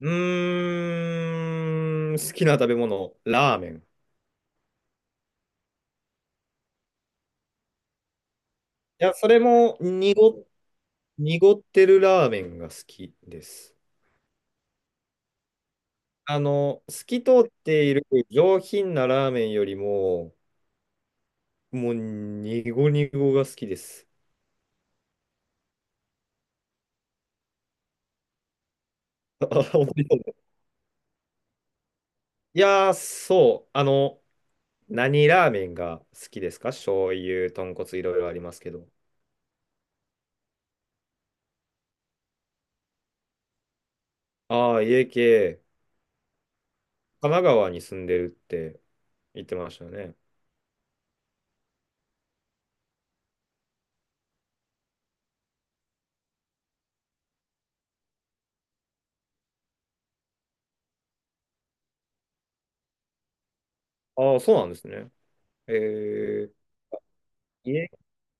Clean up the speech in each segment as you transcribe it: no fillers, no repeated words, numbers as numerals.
うーん、好きな食べ物、ラーメン。いや、それも濁ってるラーメンが好きです。透き通っている上品なラーメンよりも、もう、濁濁が好きです。あ本当にそうです。いやー、そう。何ラーメンが好きですか？醤油、豚骨、いろいろありますけど。ああ、家系、神奈川に住んでるって言ってましたよね。ああ、そうなんですね。え家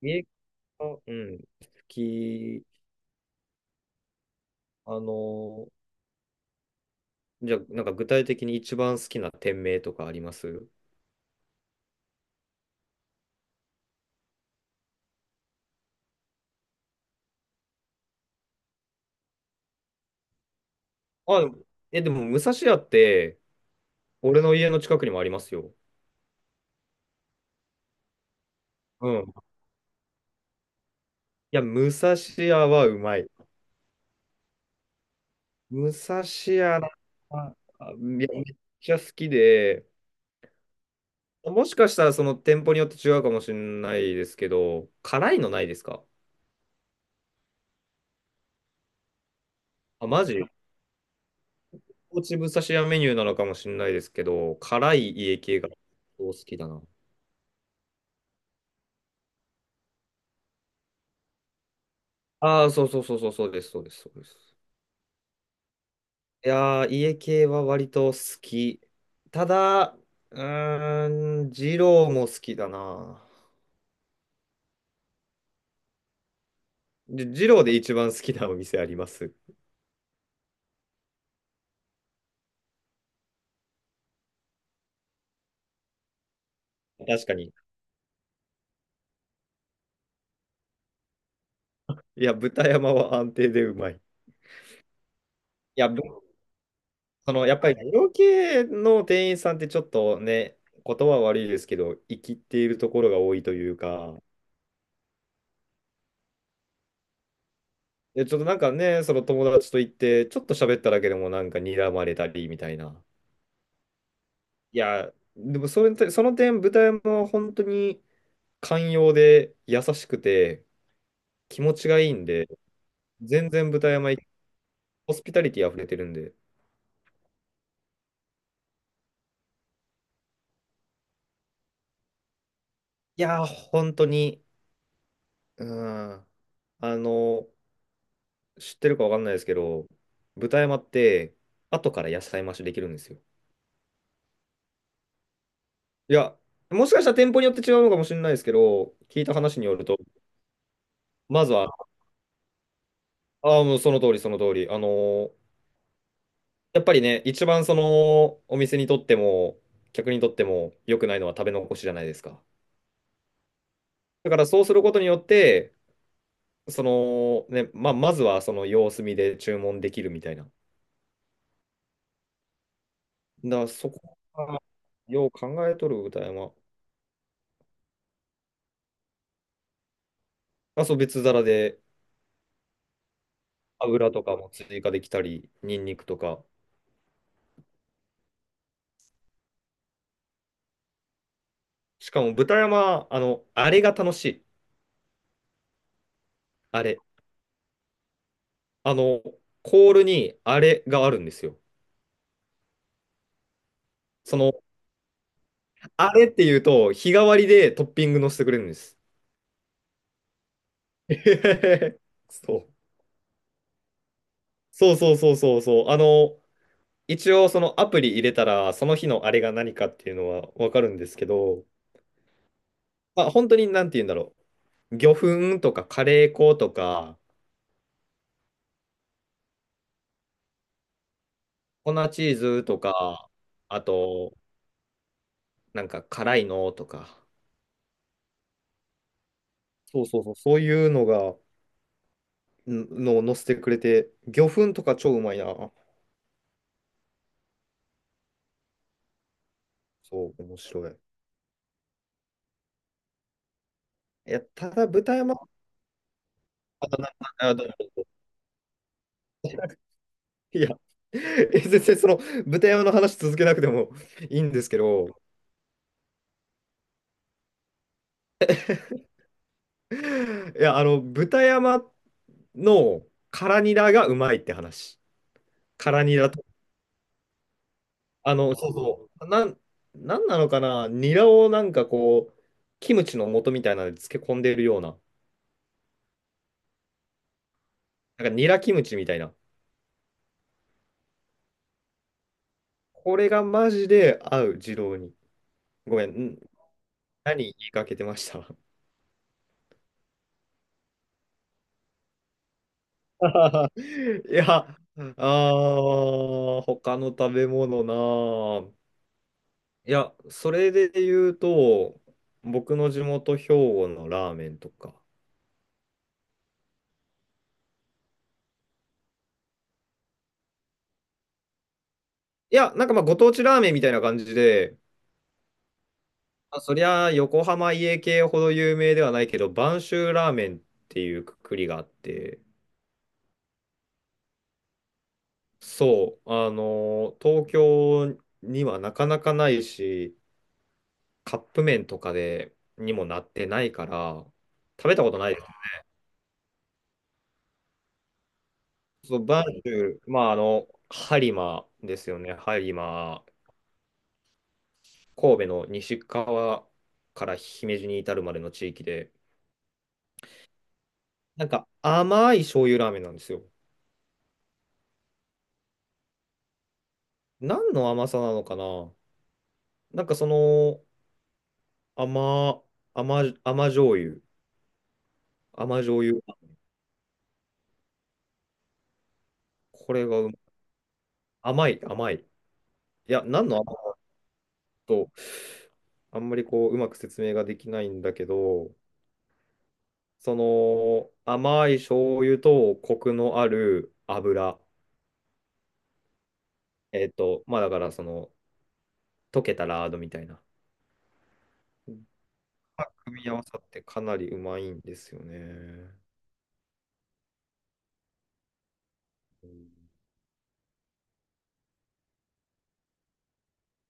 見え方、うん、好き。あの、じゃあ、なんか具体的に一番好きな店名とかあります？あ、でもでも、武蔵屋って、俺の家の近くにもありますよ。うん。いや、武蔵屋はうまい。武蔵屋な、ああめっちゃ好きで、もしかしたらその店舗によって違うかもしれないですけど、辛いのないですか？あ、マジ高知武蔵屋メニューなのかもしれないですけど、辛い家系が好きだな。ああ、そうそうそうそう、そうです、そうです、そうです。いやー、家系は割と好き。ただ、うー二郎も好きだな。二郎で一番好きなお店あります？確かに。いや、豚山は安定でうまい。いや、ぶその、やっぱり、二郎系の店員さんってちょっとね、言葉は悪いですけど、生きっているところが多いというか、いやちょっとなんかね、その友達と行って、ちょっと喋っただけでもなんか睨まれたりみたいな。いや、でもそれと、その点、豚山は本当に寛容で優しくて気持ちがいいんで、全然豚山行き、ホスピタリティ溢れてるんで。いやー、本当に、うん、あの、知ってるかわかんないですけど、豚山って後から野菜増しできるんですよ。いや、もしかしたら店舗によって違うのかもしれないですけど、聞いた話によると、まずは、ああ、もうその通り、その通り、やっぱりね、一番そのお店にとっても、客にとっても良くないのは食べ残しじゃないですか。だからそうすることによって、そのね、まあ、まずはその様子見で注文できるみたいな。だからそこはよう考えとる歌山。まあ、そう、別皿で油とかも追加できたり、ニンニクとか。しかも豚山、あれが楽しい。あれ。あの、コールにあれがあるんですよ。その、あれっていうと、日替わりでトッピングのせてくれるんです。えへへへ、そうそうそうそうそうそう。一応そのアプリ入れたら、その日のあれが何かっていうのはわかるんですけど、まあ本当になんて言うんだろう。魚粉とかカレー粉とか、粉チーズとか、あと、なんか辛いのとか、そうそうそう、そういうのが、んのを載せてくれて、魚粉とか超うまいな。そう、面白い。いや、ただ豚山、あ、どうぞ。いや、全然 その豚山の話続けなくてもいいんですけど、いや、豚山の辛ニラがうまいって話。辛ニラと、そうそう、なんなのかな、ニラをなんかこう、キムチの素みたいなので漬け込んでるような、なんかニラキムチみたいな。これがマジで合う、二郎に。ごめん、何言いかけてました？ いや、他の食べ物なあ。いや、それで言うと、僕の地元兵庫のラーメンとか。いや、なんかまあご当地ラーメンみたいな感じで、まあ、そりゃ横浜家系ほど有名ではないけど、播州ラーメンっていうくくりがあって、そう、東京にはなかなかないし、カップ麺とかでにもなってないから、食べたことないです。そう、播州、まあ播磨ですよね、播磨。神戸の西川から姫路に至るまでの地域で、なんか甘い醤油ラーメンなんですよ。何の甘さなのかな？なんかその甘、甘醤油、甘醤油、これが甘い、甘い。いや、何の甘さと、あんまりこう、うまく説明ができないんだけど、その甘い醤油とコクのある油、まあだからその溶けたラードみたいな。組み合わさってかなりうまいんですよね。うん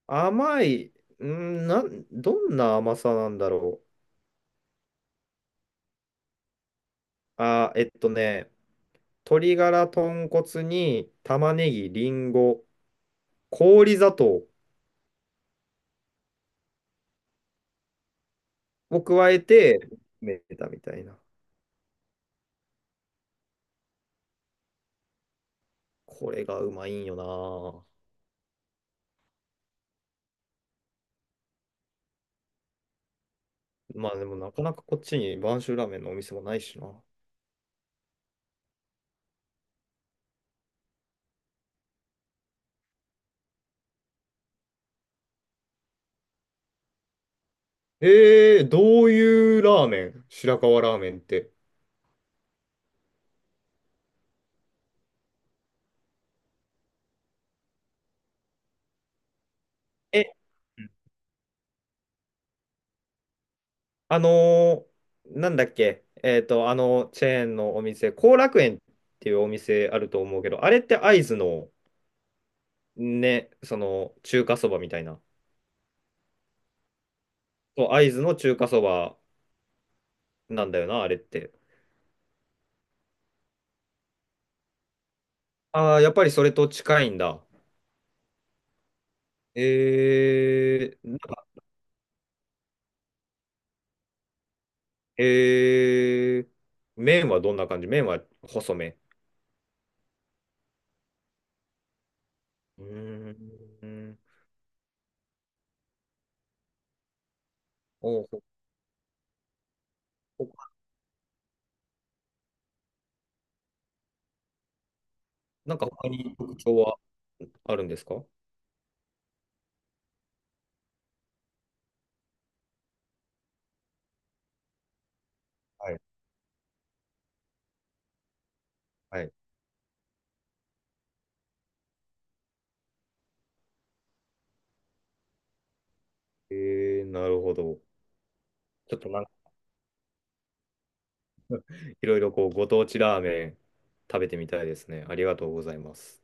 甘い、どんな甘さなんだろう。えっとね、鶏ガラ豚骨に玉ねぎ、りんご、氷砂糖を加えてめたみたいな。これがうまいんよな。まあでもなかなかこっちに播州ラーメンのお店もないしな。どういうラーメン？白河ラーメンって。えあのーなんだっけ、あのチェーンのお店、後楽園っていうお店あると思うけど、あれって会津のね、その中華そばみたいな。そう、会津の中華そばなんだよな、あれって。ああ、やっぱりそれと近いんだ。なんか、えー、麺はどんな感じ？麺は細め。うーん。おう、ほほ、なんか他に特徴はあるんですか？はい。はい。なるほど。ちょっとなんかいろいろこうご当地ラーメン食べてみたいですね。ありがとうございます。